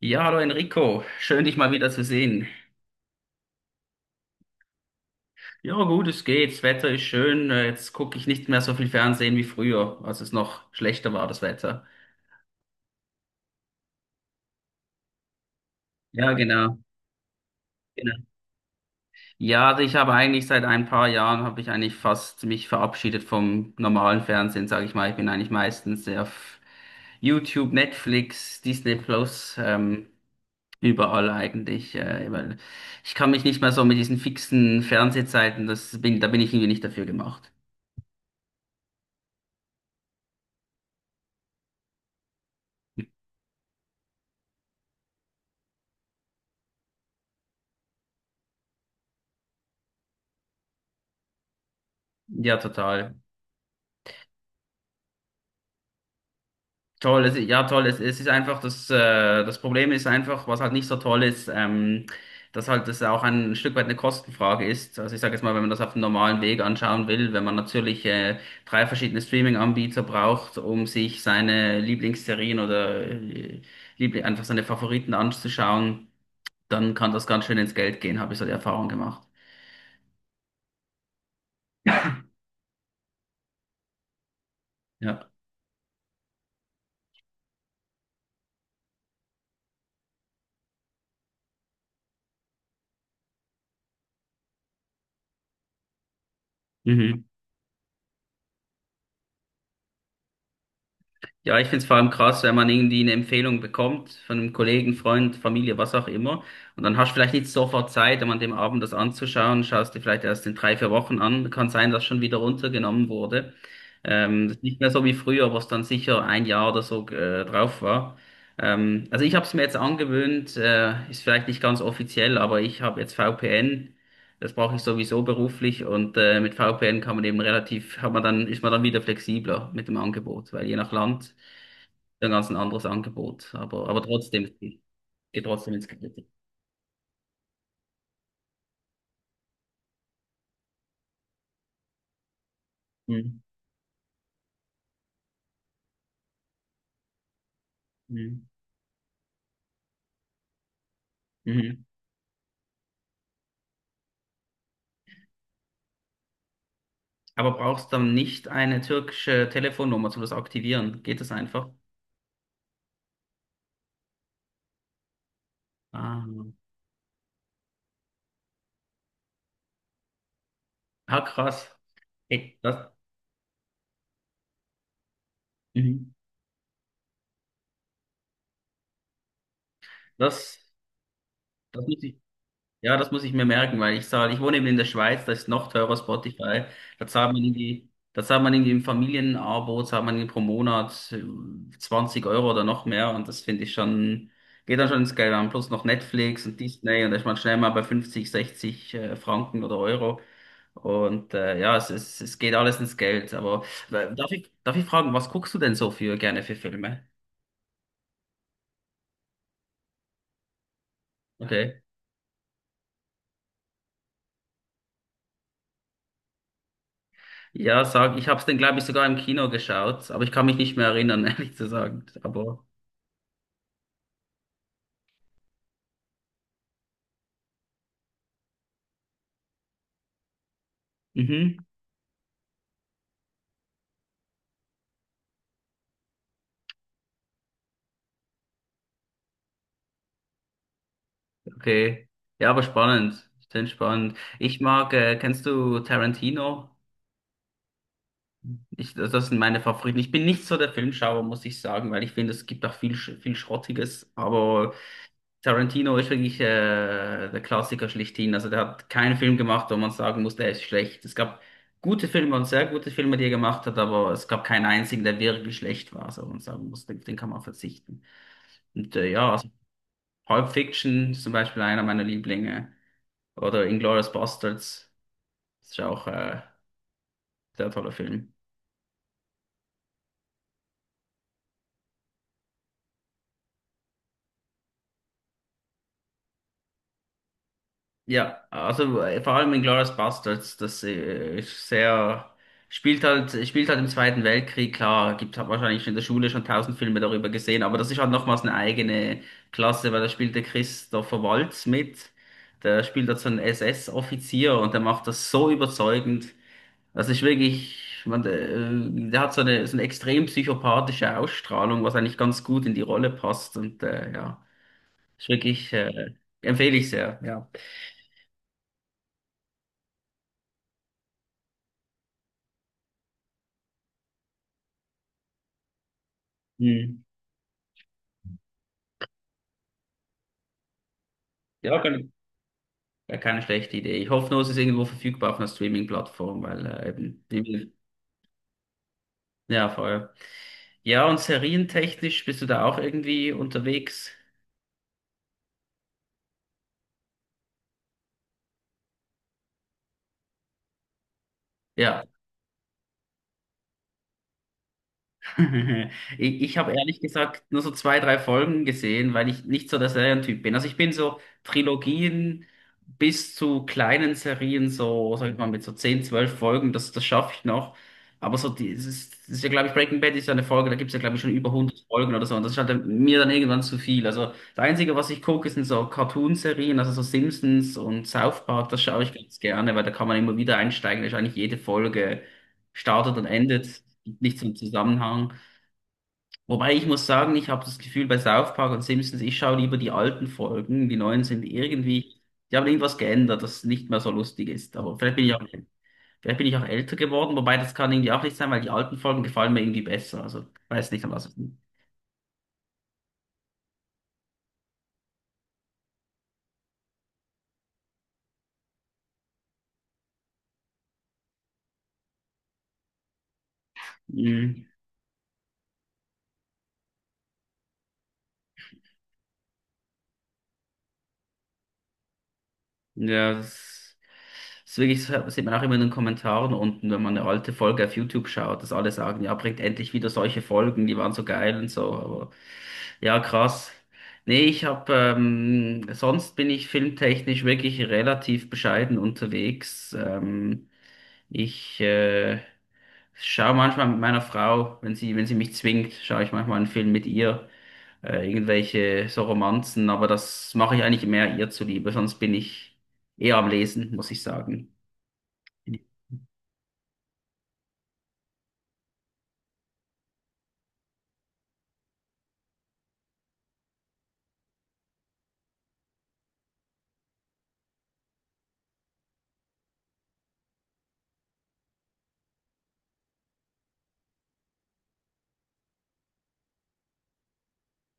Ja, hallo Enrico, schön dich mal wieder zu sehen. Ja, gut, es geht, das Wetter ist schön, jetzt gucke ich nicht mehr so viel Fernsehen wie früher, als es noch schlechter war, das Wetter. Ja, genau. Genau. Ja, also ich habe eigentlich seit ein paar Jahren, habe ich eigentlich fast mich verabschiedet vom normalen Fernsehen, sage ich mal. Ich bin eigentlich meistens sehr auf YouTube, Netflix, Disney Plus, überall eigentlich, weil ich kann mich nicht mehr so mit diesen fixen Fernsehzeiten, da bin ich irgendwie nicht dafür gemacht. Ja, total. Ja toll, es ist einfach, das Problem ist einfach, was halt nicht so toll ist, dass halt das auch ein Stück weit eine Kostenfrage ist. Also ich sage jetzt mal, wenn man das auf dem normalen Weg anschauen will, wenn man natürlich drei verschiedene Streaming-Anbieter braucht, um sich seine Lieblingsserien oder Liebli einfach seine Favoriten anzuschauen, dann kann das ganz schön ins Geld gehen, habe ich so die Erfahrung gemacht. Ja. Mhm. Ja, ich find's vor allem krass, wenn man irgendwie eine Empfehlung bekommt von einem Kollegen, Freund, Familie, was auch immer. Und dann hast du vielleicht nicht sofort Zeit, um an dem Abend das anzuschauen, schaust dir vielleicht erst in drei, vier Wochen an. Kann sein, dass schon wieder runtergenommen wurde. Das ist nicht mehr so wie früher, was dann sicher ein Jahr oder so drauf war. Also ich habe es mir jetzt angewöhnt, ist vielleicht nicht ganz offiziell, aber ich habe jetzt VPN. Das brauche ich sowieso beruflich und mit VPN kann man eben relativ, ist man dann wieder flexibler mit dem Angebot, weil je nach Land. Dann ganz ein anderes Angebot, aber trotzdem, geht trotzdem ins Geld. Mhm. Mhm. Mhm. Aber brauchst dann nicht eine türkische Telefonnummer, um das aktivieren? Geht das einfach? Ah, ah krass. Hey, mhm. das, das muss ich. Ja, das muss ich mir merken, weil ich zahle, ich wohne eben in der Schweiz, da ist noch teurer Spotify. Da zahlt man irgendwie im Familienabo, zahlt man irgendwie pro Monat 20 € oder noch mehr und das finde ich schon, geht dann schon ins Geld an. Plus noch Netflix und Disney und da ist man schnell mal bei 50, 60 Franken oder Euro. Und ja, es geht alles ins Geld. Aber darf ich fragen, was guckst du denn so für gerne für Filme? Okay. Ja, sag, ich habe es dann, glaube ich, sogar im Kino geschaut, aber ich kann mich nicht mehr erinnern, ehrlich zu sagen. Aber, mhm, okay. Ja, aber spannend. Stimmt, spannend. Ich mag, kennst du Tarantino? Das das sind meine Favoriten. Ich bin nicht so der Filmschauer, muss ich sagen, weil ich finde, es gibt auch viel, viel Schrottiges. Aber Tarantino ist wirklich der Klassiker schlechthin. Also der hat keinen Film gemacht, wo man sagen muss, der ist schlecht. Es gab gute Filme und sehr gute Filme, die er gemacht hat, aber es gab keinen einzigen, der wirklich schlecht war. So wo man sagen muss, den kann man verzichten. Und also, Pulp Fiction ist zum Beispiel einer meiner Lieblinge. Oder Inglourious Basterds. Das ist ja auch sehr toller Film. Ja, also vor allem in Glorious Bastards, spielt halt im Zweiten Weltkrieg, klar, gibt, hat wahrscheinlich in der Schule schon tausend Filme darüber gesehen, aber das ist halt nochmals eine eigene Klasse, weil da spielt der Christopher Waltz mit, der spielt halt so einen SS-Offizier und der macht das so überzeugend, das ist wirklich, der hat so eine extrem psychopathische Ausstrahlung, was eigentlich ganz gut in die Rolle passt und ja, ist wirklich, empfehle ich sehr, ja. Hm. Ja, keine, ja, keine schlechte Idee. Ich hoffe nur, es ist irgendwo verfügbar auf einer Streaming-Plattform, weil eben, ja, voll. Ja, und serientechnisch bist du da auch irgendwie unterwegs? Ja, ich habe ehrlich gesagt nur so zwei, drei Folgen gesehen, weil ich nicht so der Serientyp bin. Also ich bin so Trilogien bis zu kleinen Serien, so, sag ich mal, mit so 10, 12 Folgen, das schaffe ich noch. Aber so, es ist ja, glaube ich, Breaking Bad ist ja eine Folge, da gibt es ja, glaube ich, schon über 100 Folgen oder so. Und das ist halt dann- mir dann irgendwann zu viel. Also das Einzige, was ich gucke, sind so Cartoon-Serien, also so Simpsons und South Park, das schaue ich ganz gerne, weil da kann man immer wieder einsteigen, da ist eigentlich jede Folge startet und endet, gibt nicht so einen Zusammenhang. Wobei ich muss sagen, ich habe das Gefühl bei South Park und Simpsons, ich schaue lieber die alten Folgen, die neuen sind irgendwie, die haben irgendwas geändert, das nicht mehr so lustig ist. Aber vielleicht bin ich auch älter geworden, wobei das kann irgendwie auch nicht sein, weil die alten Folgen gefallen mir irgendwie besser. Also weiß nicht, an was. Es liegt. Mhm. Ja, das. Das ist wirklich, das sieht man auch immer in den Kommentaren unten, wenn man eine alte Folge auf YouTube schaut, dass alle sagen, ja, bringt endlich wieder solche Folgen, die waren so geil und so. Aber ja, krass. Nee, sonst bin ich filmtechnisch wirklich relativ bescheiden unterwegs. Ich schaue manchmal mit meiner Frau, wenn sie mich zwingt, schaue ich manchmal einen Film mit ihr, irgendwelche so Romanzen, aber das mache ich eigentlich mehr ihr zuliebe, sonst bin ich eher am Lesen, muss ich sagen.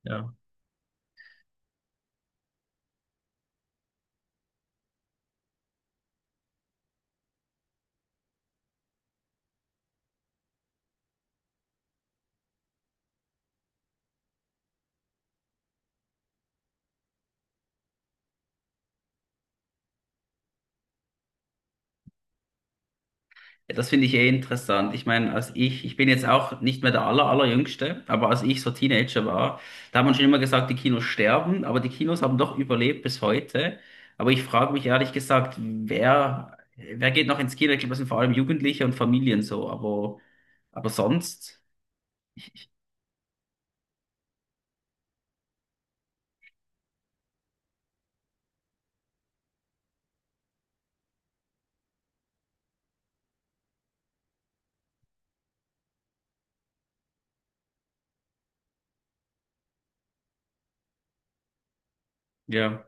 Ja. Das finde ich eh interessant. Ich meine, ich bin jetzt auch nicht mehr der allerjüngste, aber als ich so Teenager war, da hat man schon immer gesagt, die Kinos sterben, aber die Kinos haben doch überlebt bis heute. Aber ich frage mich ehrlich gesagt, wer geht noch ins Kino? Ich glaube, das sind vor allem Jugendliche und Familien so, aber sonst, ich, ich- ja.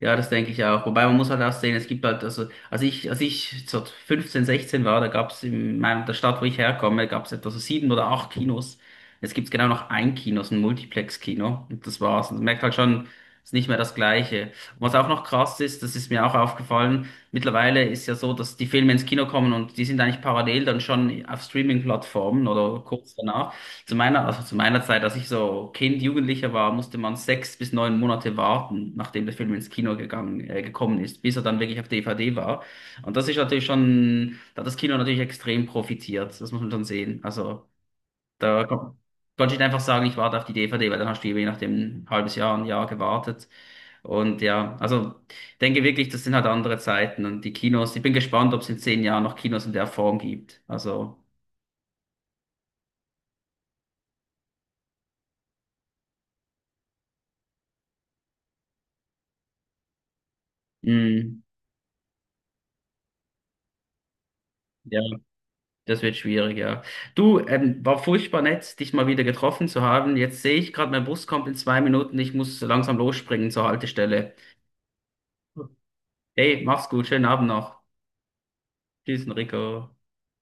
Ja, das denke ich auch. Wobei man muss halt auch sehen, es gibt halt, als ich so 15, 16 war, da gab es in der Stadt, wo ich herkomme, gab es etwa so sieben oder acht Kinos. Jetzt gibt es genau noch ein Kino, so ein Multiplex-Kino. Und das war's. Und man merkt halt schon, es ist nicht mehr das Gleiche. Und was auch noch krass ist, das ist mir auch aufgefallen, mittlerweile ist ja so, dass die Filme ins Kino kommen und die sind eigentlich parallel dann schon auf Streaming-Plattformen oder kurz danach. Also zu meiner Zeit, als ich so Kind, Jugendlicher war, musste man 6 bis 9 Monate warten, nachdem der Film ins Kino gekommen ist, bis er dann wirklich auf DVD war. Und das ist natürlich schon, da hat das Kino natürlich extrem profitiert. Das muss man schon sehen. Also da kon konnte ich nicht einfach sagen, ich warte auf die DVD, weil dann hast du eben je nachdem ein halbes Jahr, ein Jahr gewartet. Und ja, also ich denke wirklich, das sind halt andere Zeiten und die Kinos, ich bin gespannt, ob es in 10 Jahren noch Kinos in der Form gibt. Also, mh, ja. Das wird schwierig, ja. Du, war furchtbar nett, dich mal wieder getroffen zu haben. Jetzt sehe ich gerade, mein Bus kommt in 2 Minuten. Ich muss langsam losspringen zur Haltestelle. Hey, mach's gut, schönen Abend noch. Tschüss, Enrico.